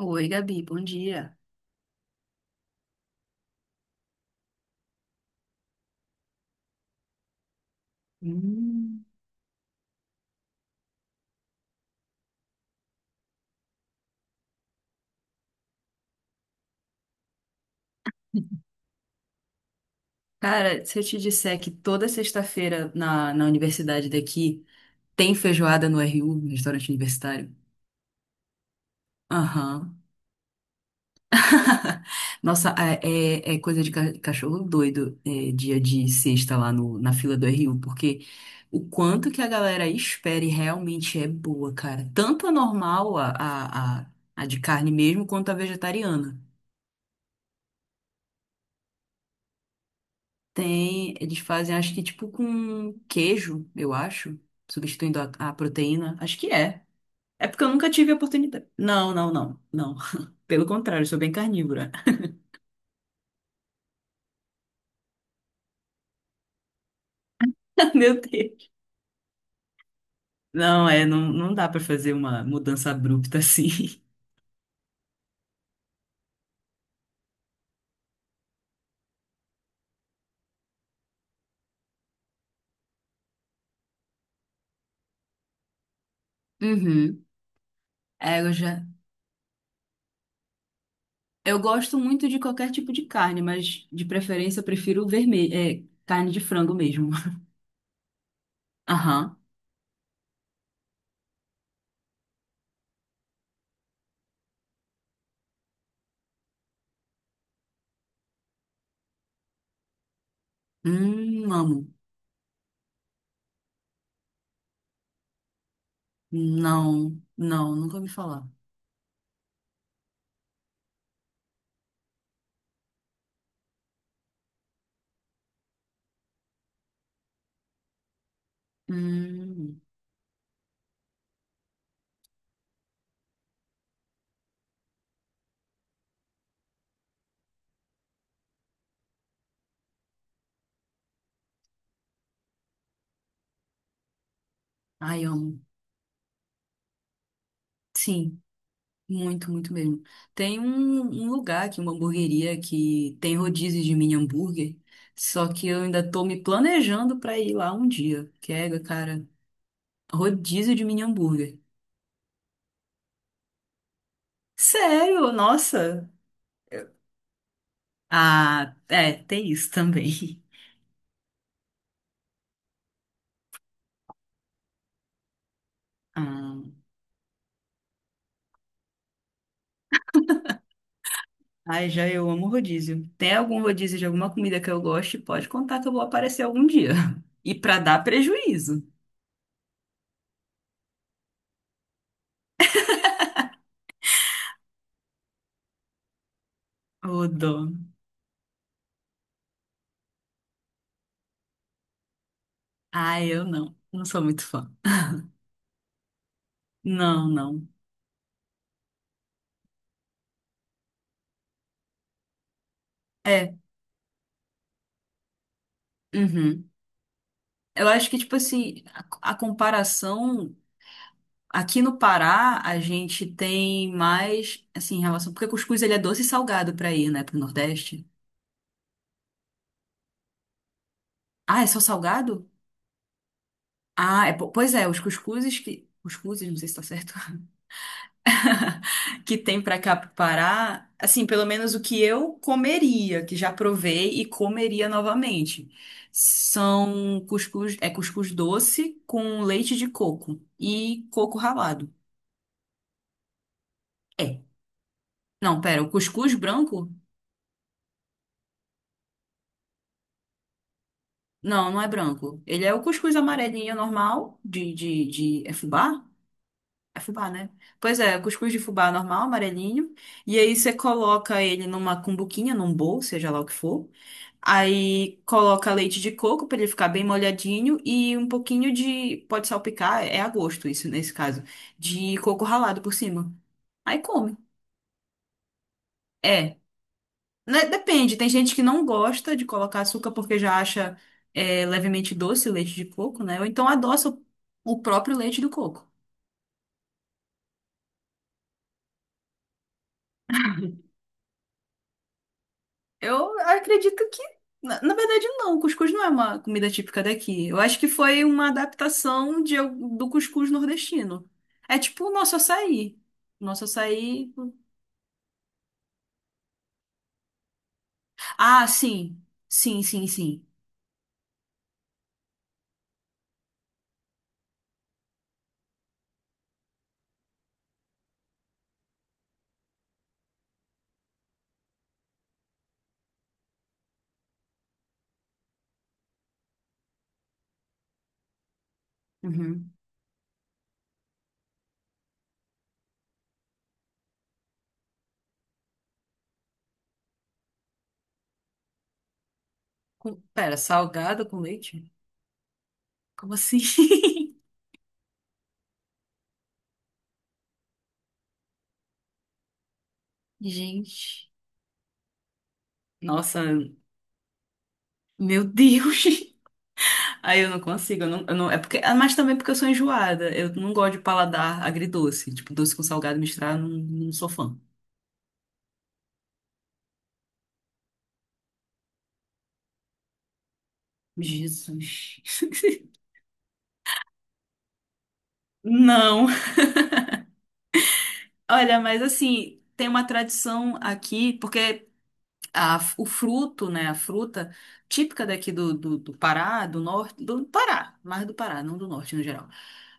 Oi, Gabi, bom dia. Hum. Cara, se eu te disser que toda sexta-feira na universidade daqui tem feijoada no RU, no restaurante universitário. Aham. Nossa, é, é coisa de cachorro doido, é, dia de sexta lá no, na fila do RU, porque o quanto que a galera espera e realmente é boa, cara. Tanto a normal, a de carne mesmo, quanto a vegetariana. Tem, eles fazem, acho que tipo com queijo, eu acho, substituindo a proteína. Acho que é. É porque eu nunca tive a oportunidade. Não, não, não, não. Pelo contrário, eu sou bem carnívora. Meu Deus. Não, é, não dá pra fazer uma mudança abrupta assim. Uhum. É, eu já. Eu gosto muito de qualquer tipo de carne, mas de preferência eu prefiro vermelho, é, carne de frango mesmo. Aham. Amo. Não, nunca ouvi falar. Hum, ai, amo. Sim, muito, muito mesmo. Tem um lugar aqui, uma hamburgueria que tem rodízio de mini hambúrguer, só que eu ainda tô me planejando pra ir lá um dia. Que é, cara, rodízio de mini hambúrguer. Sério? Nossa! Ah, é, tem isso também. Ah, ai, já eu amo rodízio. Tem algum rodízio de alguma comida que eu goste? Pode contar que eu vou aparecer algum dia. E pra dar prejuízo. Ô, dó. Ai, eu não. Não sou muito fã. Não, não. É. Uhum. Eu acho que, tipo assim, a comparação. Aqui no Pará, a gente tem mais, assim, em relação. Porque cuscuz ele é doce e salgado pra ir, né, pro Nordeste. Ah, é só salgado? Ah, é, pois é, os cuscuzes que. Cuscuzes, não sei se tá certo. Que tem pra cá pro Pará, assim, pelo menos o que eu comeria, que já provei e comeria novamente. São cuscuz, é cuscuz doce com leite de coco e coco ralado. É. Não, pera, o cuscuz branco? Não, não é branco. Ele é o cuscuz amarelinho normal, de... É fubá? É fubá, né? Pois é, cuscuz de fubá normal, amarelinho. E aí você coloca ele numa cumbuquinha, num bowl, seja lá o que for. Aí coloca leite de coco para ele ficar bem molhadinho e um pouquinho de... Pode salpicar, é a gosto isso nesse caso. De coco ralado por cima. Aí come. É, né, depende, tem gente que não gosta de colocar açúcar porque já acha é, levemente doce o leite de coco, né? Ou então adoça o próprio leite do coco. Eu acredito que, na verdade, não. O cuscuz não é uma comida típica daqui. Eu acho que foi uma adaptação de, do cuscuz nordestino. É tipo o nosso açaí. O nosso açaí. Ah, sim. Sim, sim, sim. Uhum. Pera, salgado com leite? Como assim? Gente. Nossa, meu Deus. Aí eu não consigo, eu não- é porque, ah, mas também porque eu sou enjoada. Eu não gosto de paladar agridoce. Tipo, doce com salgado misturado, eu não, não sou fã. Jesus. Não. Olha, mas assim, tem uma tradição aqui, porque a, o fruto, né, a fruta típica daqui do Pará, do norte, do Pará, mais do Pará, não do norte no geral.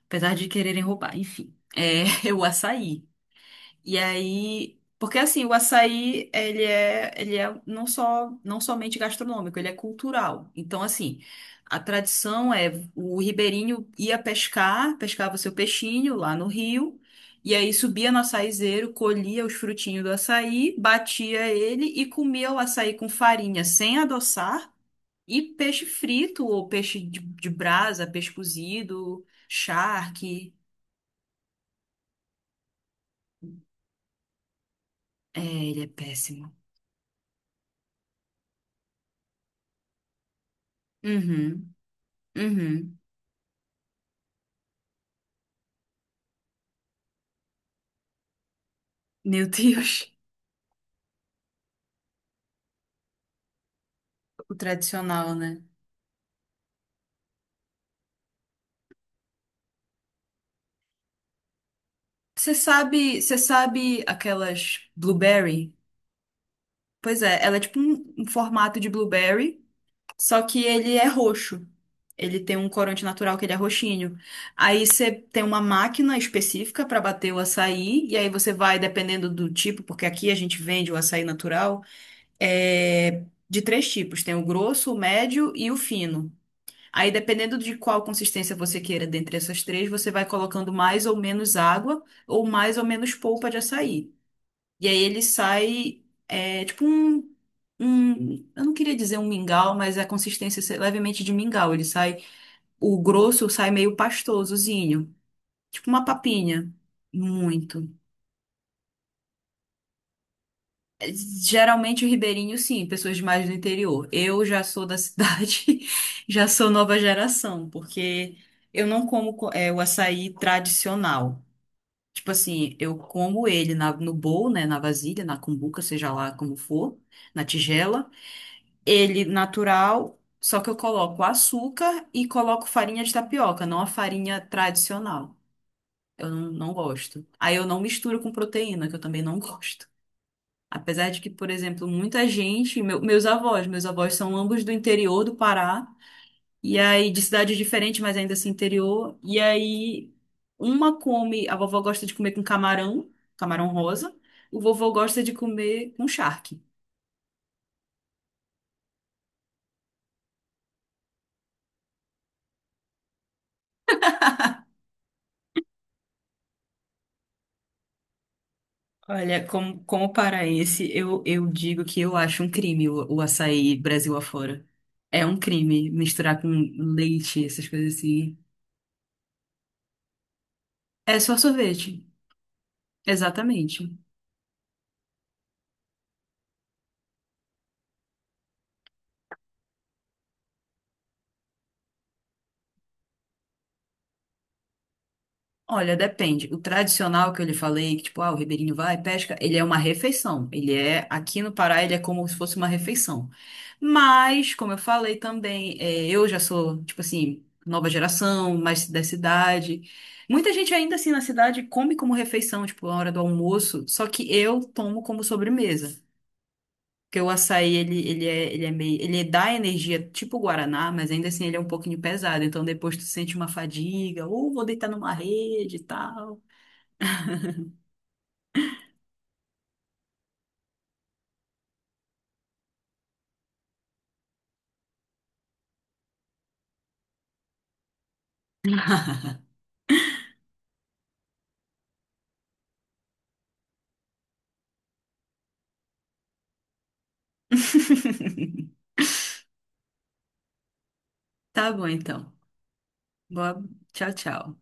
Apesar de quererem roubar, enfim. É, é o açaí. E aí, porque assim, o açaí, ele é não só, não somente gastronômico, ele é cultural. Então, assim, a tradição é o ribeirinho ia pescar, pescava seu peixinho lá no rio, e aí subia no açaizeiro, colhia os frutinhos do açaí, batia ele e comia o açaí com farinha sem adoçar e peixe frito ou peixe de brasa, peixe cozido, charque. É, ele é péssimo. Uhum, uhum. Meu Deus, o tradicional, né? Você sabe aquelas blueberry? Pois é, ela é tipo um, um formato de blueberry, só que ele é roxo. Ele tem um corante natural que ele é roxinho. Aí você tem uma máquina específica para bater o açaí, e aí você vai, dependendo do tipo, porque aqui a gente vende o açaí natural, é de três tipos: tem o grosso, o médio e o fino. Aí, dependendo de qual consistência você queira dentre essas três, você vai colocando mais ou menos água ou mais ou menos polpa de açaí. E aí ele sai, é, tipo um, um. Eu não queria dizer um mingau, mas a consistência é levemente de mingau. Ele sai. O grosso sai meio pastosozinho, tipo uma papinha. Muito. Geralmente o ribeirinho, sim, pessoas de mais do interior. Eu já sou da cidade, já sou nova geração, porque eu não como é, o açaí tradicional. Tipo assim, eu como ele no bowl, né, na vasilha, na cumbuca, seja lá como for, na tigela. Ele natural, só que eu coloco açúcar e coloco farinha de tapioca, não a farinha tradicional. Eu não, não gosto. Aí eu não misturo com proteína, que eu também não gosto. Apesar de que, por exemplo, muita gente, meus avós são ambos do interior do Pará, e aí de cidade diferente, mas ainda assim interior, e aí uma come, a vovó gosta de comer com camarão, camarão rosa, o vovô gosta de comer com charque. Olha, como, como paraense, eu digo que eu acho um crime o açaí Brasil afora. É um crime misturar com leite, essas coisas assim. É só sorvete. Exatamente. Olha, depende. O tradicional que eu lhe falei, que tipo, ah, o ribeirinho vai, pesca, ele é uma refeição. Ele é, aqui no Pará, ele é como se fosse uma refeição. Mas, como eu falei também, eh, eu já sou, tipo assim, nova geração, mais da cidade. Muita gente ainda assim na cidade come como refeição, tipo, na hora do almoço, só que eu tomo como sobremesa. Porque o açaí, ele é meio, ele dá energia tipo o guaraná, mas ainda assim ele é um pouquinho pesado. Então depois tu sente uma fadiga, ou vou deitar numa rede e tal. Tá bom, então. Boa... Tchau, tchau.